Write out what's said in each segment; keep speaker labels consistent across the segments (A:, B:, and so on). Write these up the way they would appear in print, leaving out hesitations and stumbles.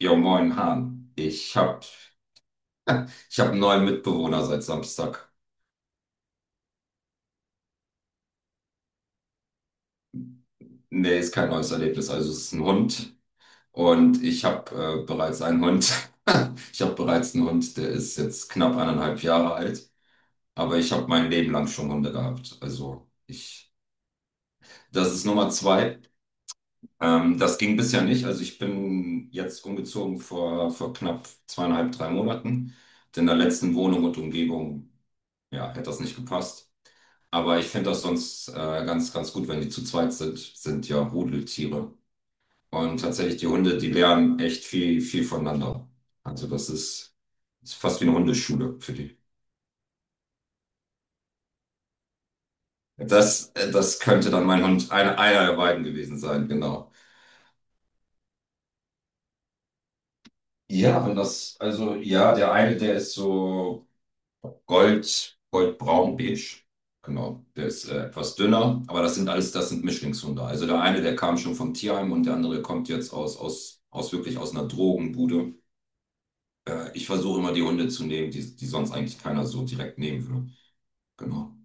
A: Jo, moin, Hahn. Ich hab einen neuen Mitbewohner seit Samstag. Nee, ist kein neues Erlebnis. Also es ist ein Hund und ich hab bereits einen Hund. Ich hab bereits einen Hund, der ist jetzt knapp 1,5 Jahre alt. Aber ich hab mein Leben lang schon Hunde gehabt. Also ich, das ist Nummer zwei. Das ging bisher nicht. Also ich bin jetzt umgezogen vor knapp 2,5, 3 Monaten. Und in der letzten Wohnung und Umgebung, ja, hätte das nicht gepasst. Aber ich finde das sonst ganz, ganz gut, wenn die zu zweit sind, sind ja Rudeltiere. Und tatsächlich, die Hunde, die lernen echt viel, viel voneinander. Also das ist fast wie eine Hundeschule für die. Das könnte dann mein Hund, einer der beiden gewesen sein, genau. Ja, wenn das, also ja, der eine, der ist so. Gold, Goldbraun, beige. Genau, der ist etwas dünner, aber das sind alles, das sind Mischlingshunde. Also der eine, der kam schon vom Tierheim und der andere kommt jetzt aus wirklich aus einer Drogenbude. Ich versuche immer die Hunde zu nehmen, die sonst eigentlich keiner so direkt nehmen würde. Genau.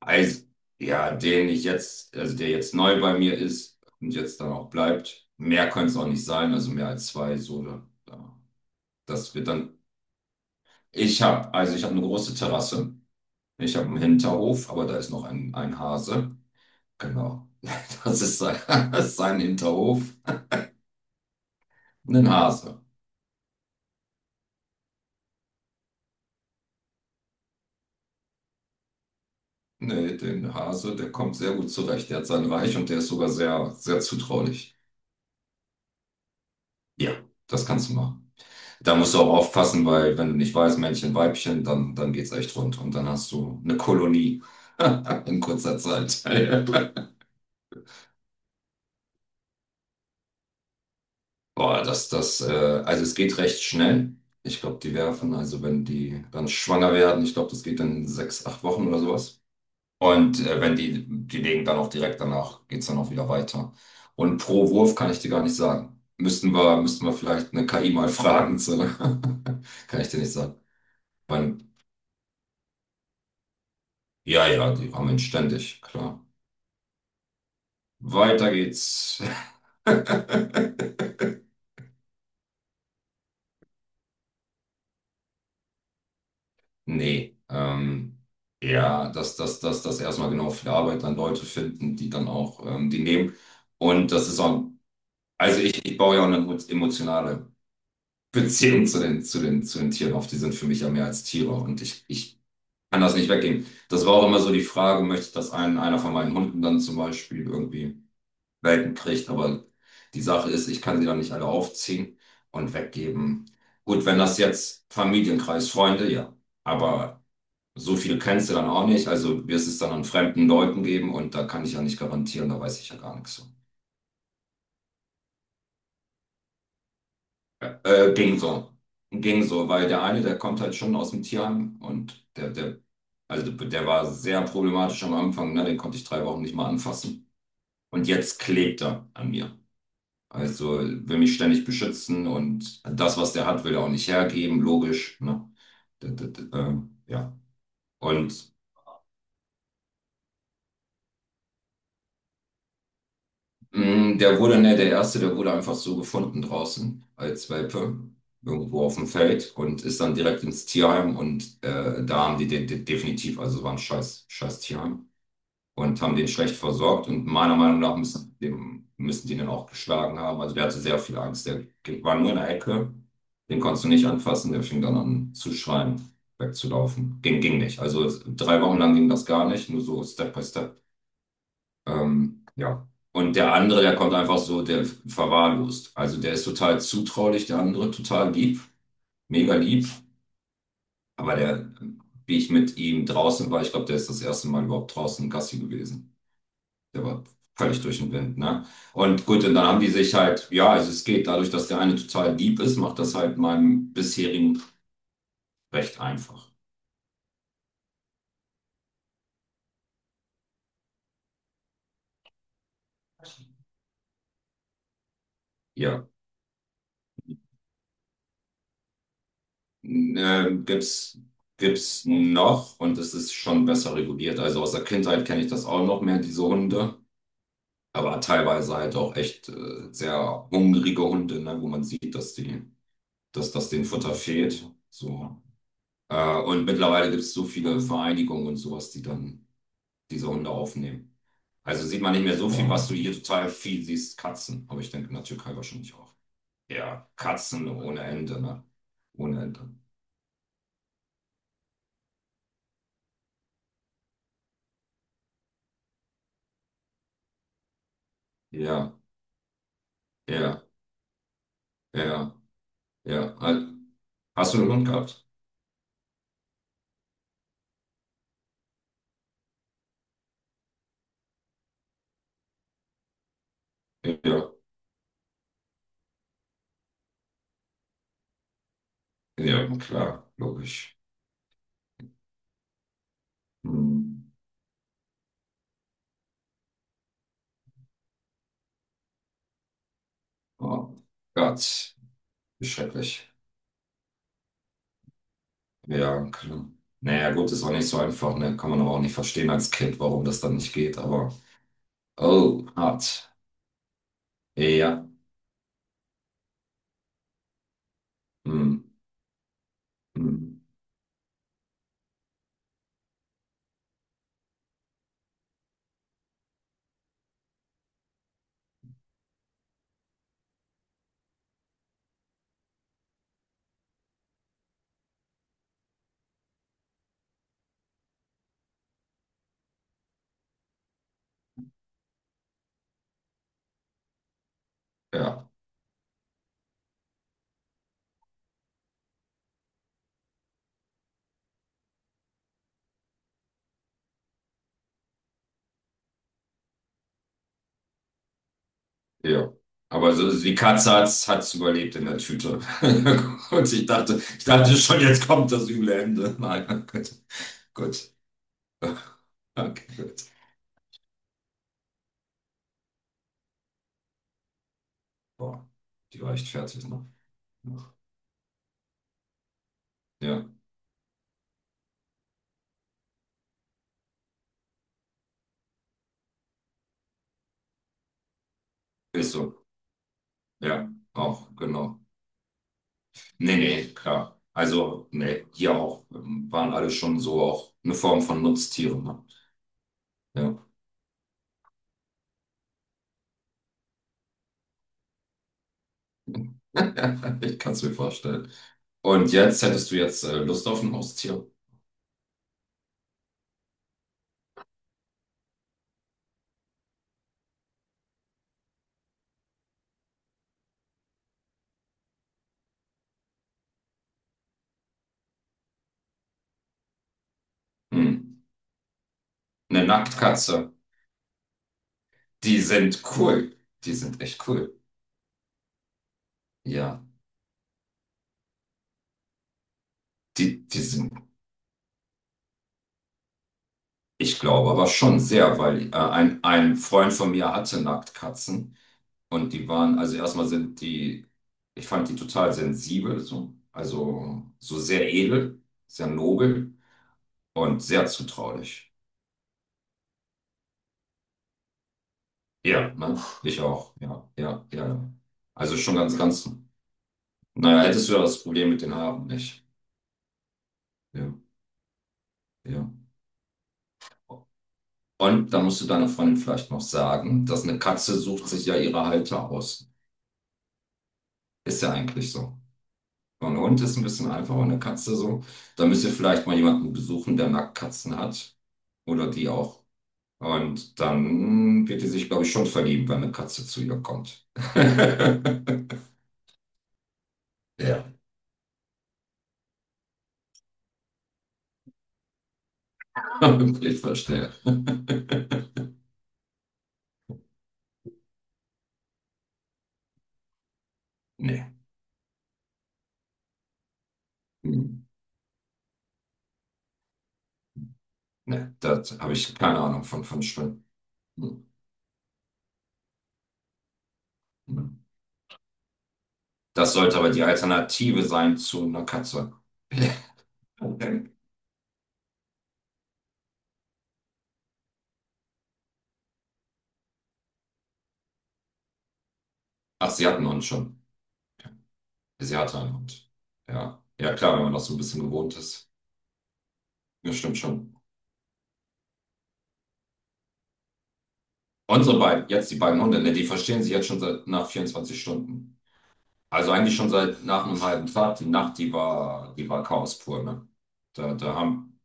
A: Also, ja, den ich jetzt, also der jetzt neu bei mir ist und jetzt dann auch bleibt, mehr können es auch nicht sein, also mehr als zwei, so, das wird dann. Ich habe, also ich habe eine große Terrasse. Ich habe einen Hinterhof, aber da ist noch ein Hase. Genau. Das ist sein, das ist sein Hinterhof. Ein Hase. Nee, den Hase, der kommt sehr gut zurecht. Der hat sein Reich und der ist sogar sehr, sehr zutraulich. Ja, das kannst du machen. Da musst du auch aufpassen, weil wenn du nicht weißt, Männchen, Weibchen, dann geht's echt rund. Und dann hast du eine Kolonie in kurzer Zeit. Boah, also es geht recht schnell. Ich glaube, die werfen, also wenn die dann schwanger werden, ich glaube, das geht dann 6, 8 Wochen oder sowas. Und wenn die, die legen dann auch direkt danach, geht's dann auch wieder weiter. Und pro Wurf kann ich dir gar nicht sagen. Müssten wir vielleicht eine KI mal fragen. Zu. Kann ich dir nicht sagen. Weil, ja, ja, die rammen ständig, klar. Weiter geht's. Nee, ja, dass erstmal genau für die Arbeit dann Leute finden, die dann auch die nehmen. Und das ist auch, also ich baue ja auch eine emotionale Beziehung zu den Tieren auf. Die sind für mich ja mehr als Tiere und ich kann das nicht weggeben. Das war auch immer so die Frage, möchte ich, dass einer von meinen Hunden dann zum Beispiel irgendwie Welpen kriegt, aber die Sache ist, ich kann sie dann nicht alle aufziehen und weggeben. Gut, wenn das jetzt Familienkreis, Freunde, ja. Aber so viel kennst du dann auch nicht, also wirst es dann an fremden Leuten geben und da kann ich ja nicht garantieren, da weiß ich ja gar nichts. Von. Ja, ging so. Ging so, weil der eine, der kommt halt schon aus dem Tierheim und also der war sehr problematisch am Anfang, ne? Den konnte ich 3 Wochen nicht mal anfassen. Und jetzt klebt er an mir. Also will mich ständig beschützen und das, was der hat, will er auch nicht hergeben, logisch, ne? Ja. Und der wurde, ne, der erste, der wurde einfach so gefunden draußen als Welpe, irgendwo auf dem Feld und ist dann direkt ins Tierheim und da haben die den definitiv, also war ein scheiß, scheiß Tierheim und haben den schlecht versorgt und meiner Meinung nach müssen die den auch geschlagen haben. Also der hatte sehr viel Angst, der war nur in der Ecke, den konntest du nicht anfassen, der fing dann an zu schreien, wegzulaufen. Ging nicht. Also 3 Wochen lang ging das gar nicht, nur so Step by Step. Ja. Und der andere, der kommt einfach so, der verwahrlost. Also der ist total zutraulich, der andere total lieb, mega lieb. Aber der, wie ich mit ihm draußen war, ich glaube, der ist das erste Mal überhaupt draußen Gassi gewesen. Der war völlig durch den Wind, ne? Und gut, und dann haben die sich halt, ja, also es geht dadurch, dass der eine total lieb ist, macht das halt meinem bisherigen recht einfach. Ja. Ähm, gibt's gibt's noch und es ist schon besser reguliert. Also aus der Kindheit kenne ich das auch noch mehr, diese Hunde. Aber teilweise halt auch echt sehr hungrige Hunde, ne, wo man sieht, dass das denen Futter fehlt. So. Und mittlerweile gibt es so viele Vereinigungen und sowas, die dann diese Hunde aufnehmen. Also sieht man nicht mehr so viel, was du hier total viel siehst, Katzen. Aber ich denke in der Türkei wahrscheinlich auch. Ja, Katzen ohne Ende, ne? Ohne Ende. Ja, ja, ja, ja. Hast du einen Hund gehabt? Ja, ja, klar, logisch. Hm. Oh Gott. Wie schrecklich. Ja, klar. Naja, gut, ist auch nicht so einfach, ne? Kann man aber auch nicht verstehen als Kind, warum das dann nicht geht, aber. Oh, hart. Ja. Hm, hm, ja, ja. Aber so, die Katze hat's überlebt in der Tüte. Und ich dachte schon, jetzt kommt das üble Ende. Nein, gut. Gut. Okay, gut. Boah, die war echt fertig, ne? Ja, ist so. Ja, auch, genau. Nee, nee, klar. Also, nee, hier auch. Waren alle schon so auch eine Form von Nutztieren. Ne? Ja, ich kann es mir vorstellen. Und jetzt hättest du jetzt Lust auf ein Haustier? Hm. Eine Nacktkatze. Die sind cool. Die sind echt cool. Ja, die sind, ich glaube, aber schon sehr, weil ein Freund von mir hatte Nacktkatzen. Und die waren, also erstmal sind die, ich fand die total sensibel, so. Also so sehr edel, sehr nobel. Und sehr zutraulich. Ja, ne? Ich auch. Ja, ja, ja. Ja. Also schon ganz, ganz. Naja, hättest du ja das Problem mit den Haaren nicht. Ja, ja. Und da musst du deiner Freundin vielleicht noch sagen, dass eine Katze sucht sich ja ihre Halter aus. Ist ja eigentlich so. Und ein Hund ist ein bisschen einfacher, eine Katze so. Da müsst ihr vielleicht mal jemanden besuchen, der Nacktkatzen hat. Oder die auch. Und dann wird die sich, glaube ich, schon verlieben, wenn eine Katze zu ihr kommt. Ja. Hybrid verstehe. Nee. Hm. Nee, da habe ich keine Ahnung von Spinnen. Hm. Hm. Das sollte aber die Alternative sein zu einer Katze. Ach, sie hatten uns schon. Sie hatte einen Hund. Ja. Ja, klar, wenn man das so ein bisschen gewohnt ist. Das stimmt schon. Unsere beiden, jetzt die beiden Hunde, ne, die verstehen sich jetzt schon seit nach 24 Stunden. Also eigentlich schon seit nach einem halben Tag. Die Nacht, die war Chaos pur, ne? Da, da haben,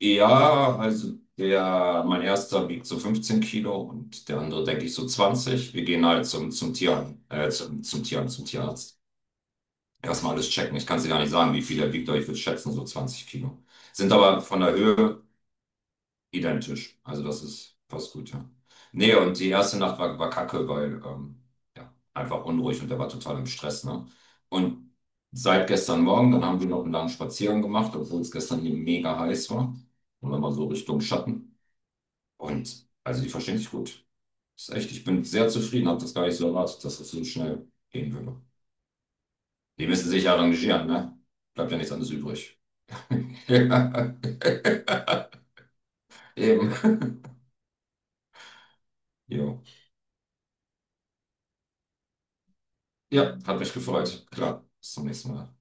A: Ja, also der, mein erster wiegt so 15 Kilo und der andere, denke ich, so 20. Wir gehen halt zum Tierarzt. Erstmal alles checken. Ich kann es dir gar nicht sagen, wie viel er wiegt, aber ich würde schätzen, so 20 Kilo. Sind aber von der Höhe identisch. Also das ist fast gut, ja. Nee, und die erste Nacht war kacke, weil ja, einfach unruhig und der war total im Stress, ne? Und seit gestern Morgen, dann haben wir noch einen langen Spaziergang gemacht, obwohl es gestern hier mega heiß war. Und dann mal so Richtung Schatten. Und also die verstehen sich gut. Das ist echt, ich bin sehr zufrieden, habe das gar nicht so erwartet, dass das so schnell gehen würde. Die müssen sich ja arrangieren, ne? Bleibt ja nichts anderes übrig. Ja. Eben. Jo. Ja, hat mich gefreut. Klar. Bis zum nächsten Mal.